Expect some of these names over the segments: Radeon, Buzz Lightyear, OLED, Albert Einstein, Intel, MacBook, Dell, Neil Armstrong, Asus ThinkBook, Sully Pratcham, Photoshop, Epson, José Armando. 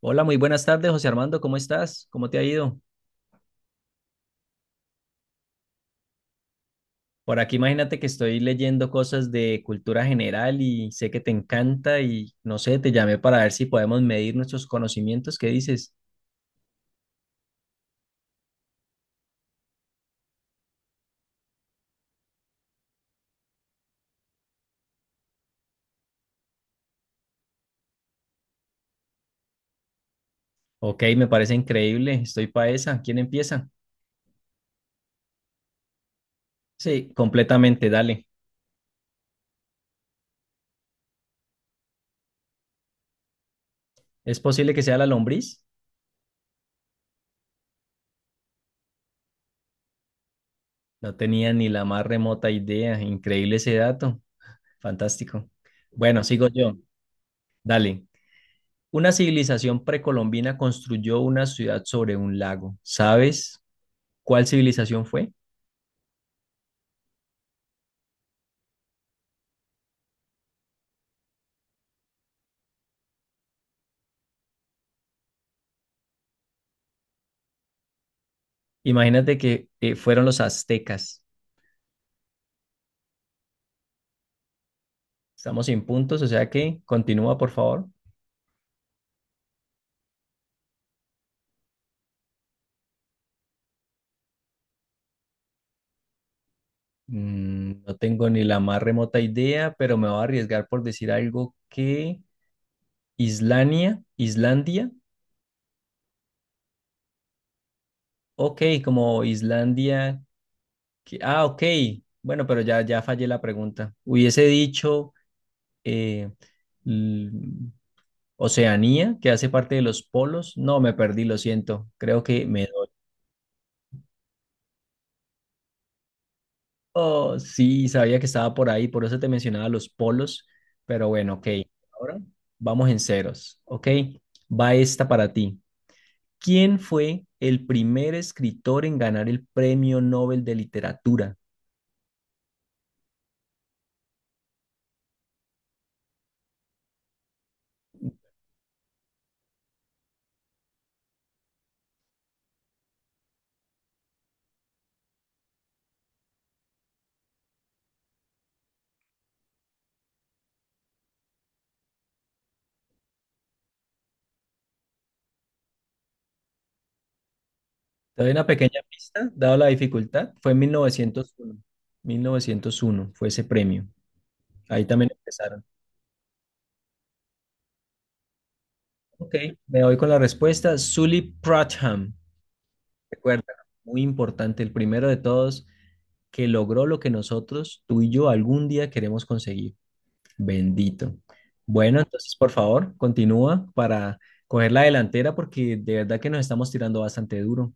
Hola, muy buenas tardes, José Armando, ¿cómo estás? ¿Cómo te ha ido? Por aquí imagínate que estoy leyendo cosas de cultura general y sé que te encanta y no sé, te llamé para ver si podemos medir nuestros conocimientos. ¿Qué dices? Ok, me parece increíble, estoy pa' esa. ¿Quién empieza? Sí, completamente, dale. ¿Es posible que sea la lombriz? No tenía ni la más remota idea. Increíble ese dato. Fantástico. Bueno, sigo yo. Dale. Una civilización precolombina construyó una ciudad sobre un lago, ¿sabes cuál civilización fue? Imagínate que fueron los aztecas. Estamos sin puntos, o sea que continúa, por favor. Mm, no tengo ni la más remota idea, pero me voy a arriesgar por decir algo que Islania, Islandia. Ok, como Islandia. Ah, ok. Bueno, pero ya, ya fallé la pregunta. Hubiese dicho eh, l- Oceanía, que hace parte de los polos. No, me perdí, lo siento. Creo que me... Oh, sí, sabía que estaba por ahí, por eso te mencionaba los polos, pero bueno, ok. Ahora vamos en ceros, ok. Va esta para ti. ¿Quién fue el primer escritor en ganar el Premio Nobel de Literatura? Te doy una pequeña pista, dado la dificultad, fue en 1901. 1901 fue ese premio. Ahí también empezaron. Ok, me voy con la respuesta. Sully Pratcham. Recuerda, muy importante, el primero de todos que logró lo que nosotros, tú y yo, algún día queremos conseguir. Bendito. Bueno, entonces, por favor, continúa para coger la delantera porque de verdad que nos estamos tirando bastante duro.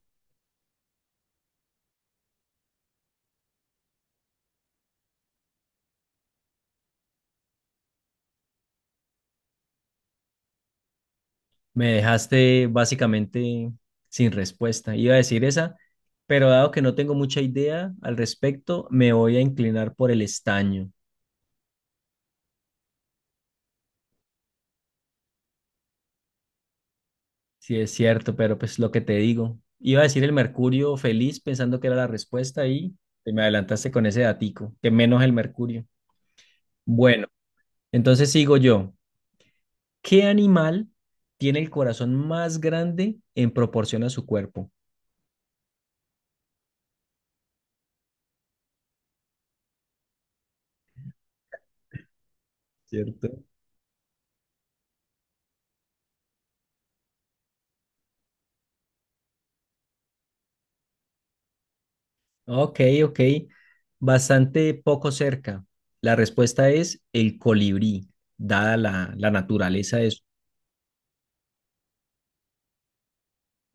Me dejaste básicamente sin respuesta. Iba a decir esa, pero dado que no tengo mucha idea al respecto, me voy a inclinar por el estaño. Sí, es cierto, pero pues lo que te digo. Iba a decir el mercurio feliz pensando que era la respuesta y te me adelantaste con ese datico, que menos el mercurio. Bueno, entonces sigo yo. ¿Qué animal tiene el corazón más grande en proporción a su cuerpo? ¿Cierto? Ok, ok. Bastante poco cerca. La respuesta es el colibrí, dada la, la naturaleza de su...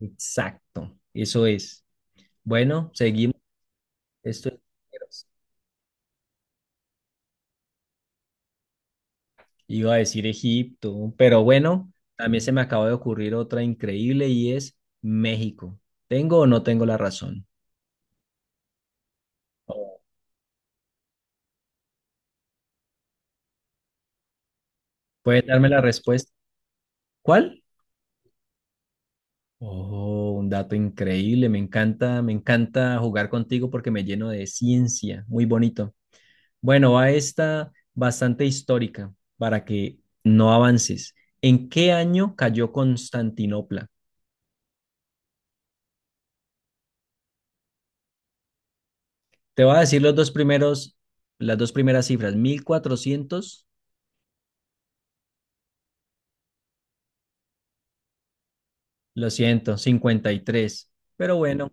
Exacto, eso es. Bueno, seguimos. Esto es... Iba a decir Egipto, pero bueno, también se me acaba de ocurrir otra increíble y es México. ¿Tengo o no tengo la razón? Oh. ¿Puede darme la respuesta? ¿Cuál? Oh, un dato increíble. Me encanta jugar contigo porque me lleno de ciencia. Muy bonito. Bueno, va esta bastante histórica para que no avances. ¿En qué año cayó Constantinopla? Te voy a decir los dos primeros, las dos primeras cifras. Mil cuatrocientos. Lo siento, 53. Pero bueno,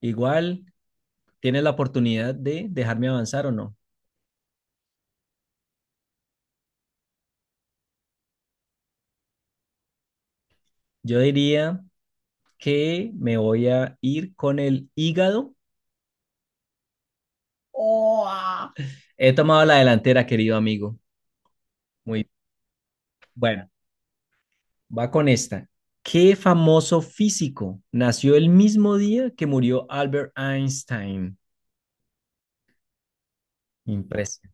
igual tienes la oportunidad de dejarme avanzar o no. Yo diría que me voy a ir con el hígado. Oh, ah. He tomado la delantera, querido amigo. Muy bueno, va con esta. ¿Qué famoso físico nació el mismo día que murió Albert Einstein? Impresionante.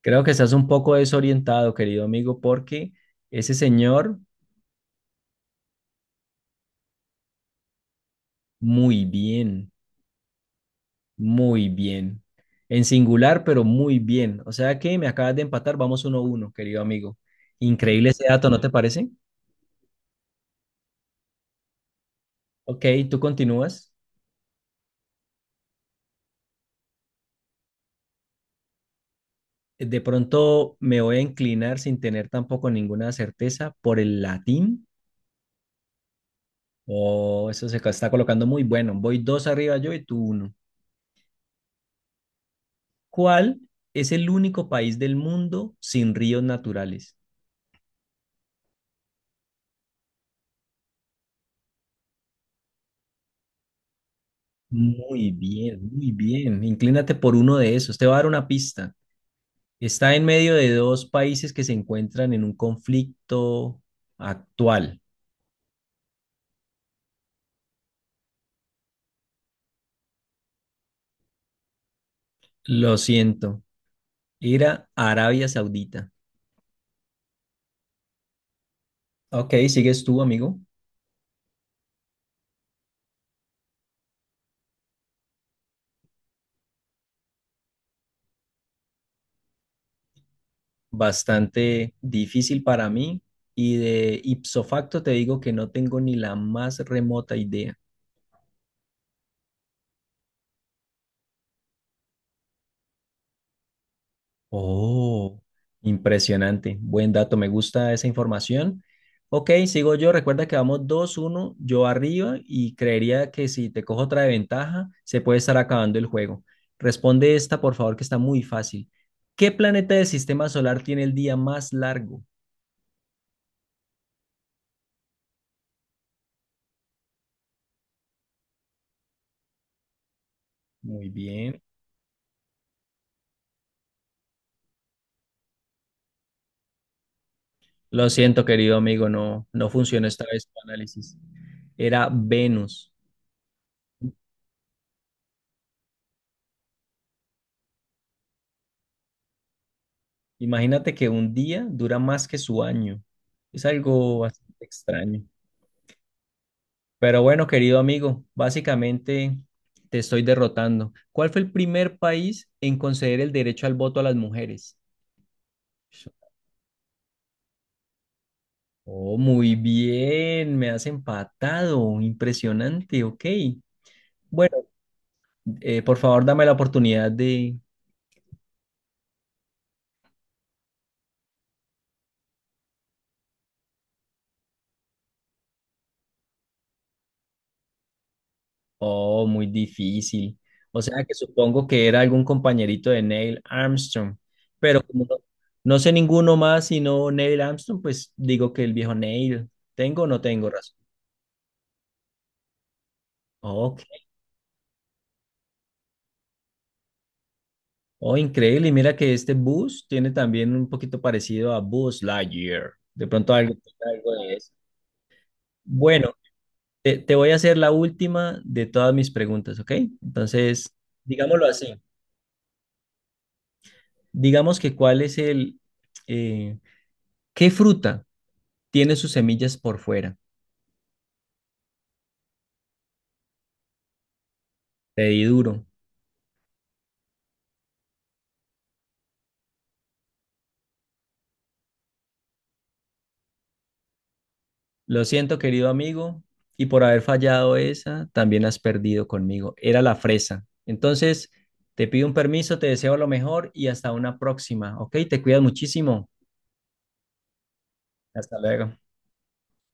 Creo que estás un poco desorientado, querido amigo, porque ese señor, muy bien, muy bien. En singular, pero muy bien. O sea que me acabas de empatar, vamos uno a uno, querido amigo. Increíble ese dato, ¿no te parece? Ok, tú continúas. De pronto me voy a inclinar sin tener tampoco ninguna certeza por el latín. Oh, eso se está colocando muy bueno. Voy dos arriba yo y tú uno. ¿Cuál es el único país del mundo sin ríos naturales? Muy bien, muy bien. Inclínate por uno de esos. Te voy a dar una pista. Está en medio de dos países que se encuentran en un conflicto actual. Lo siento. Era Arabia Saudita. Ok, sigues tú, amigo. Bastante difícil para mí y de ipso facto te digo que no tengo ni la más remota idea. Oh, impresionante, buen dato, me gusta esa información. Ok, sigo yo, recuerda que vamos dos uno, yo arriba y creería que si te cojo otra de ventaja, se puede estar acabando el juego. Responde esta, por favor, que está muy fácil. ¿Qué planeta del sistema solar tiene el día más largo? Muy bien. Lo siento, querido amigo, no, no funcionó esta vez tu análisis. Era Venus. Imagínate que un día dura más que su año. Es algo bastante extraño. Pero bueno, querido amigo, básicamente te estoy derrotando. ¿Cuál fue el primer país en conceder el derecho al voto a las mujeres? Oh, muy bien, me has empatado. Impresionante, ok. Bueno, por favor, dame la oportunidad de... Oh, muy difícil. O sea que supongo que era algún compañerito de Neil Armstrong, pero como no, no sé ninguno más sino Neil Armstrong, pues digo que el viejo Neil. ¿Tengo o no tengo razón? Ok. Oh, increíble. Y mira que este bus tiene también un poquito parecido a Buzz Lightyear. De pronto algo, algo de eso. Bueno, te voy a hacer la última de todas mis preguntas, ¿ok? Entonces, digámoslo así. Digamos que cuál es el... eh, ¿qué fruta tiene sus semillas por fuera? Te di duro. Lo siento, querido amigo, y por haber fallado esa, también has perdido conmigo. Era la fresa. Entonces, te pido un permiso, te deseo lo mejor y hasta una próxima, ¿ok? Te cuidas muchísimo. Hasta luego.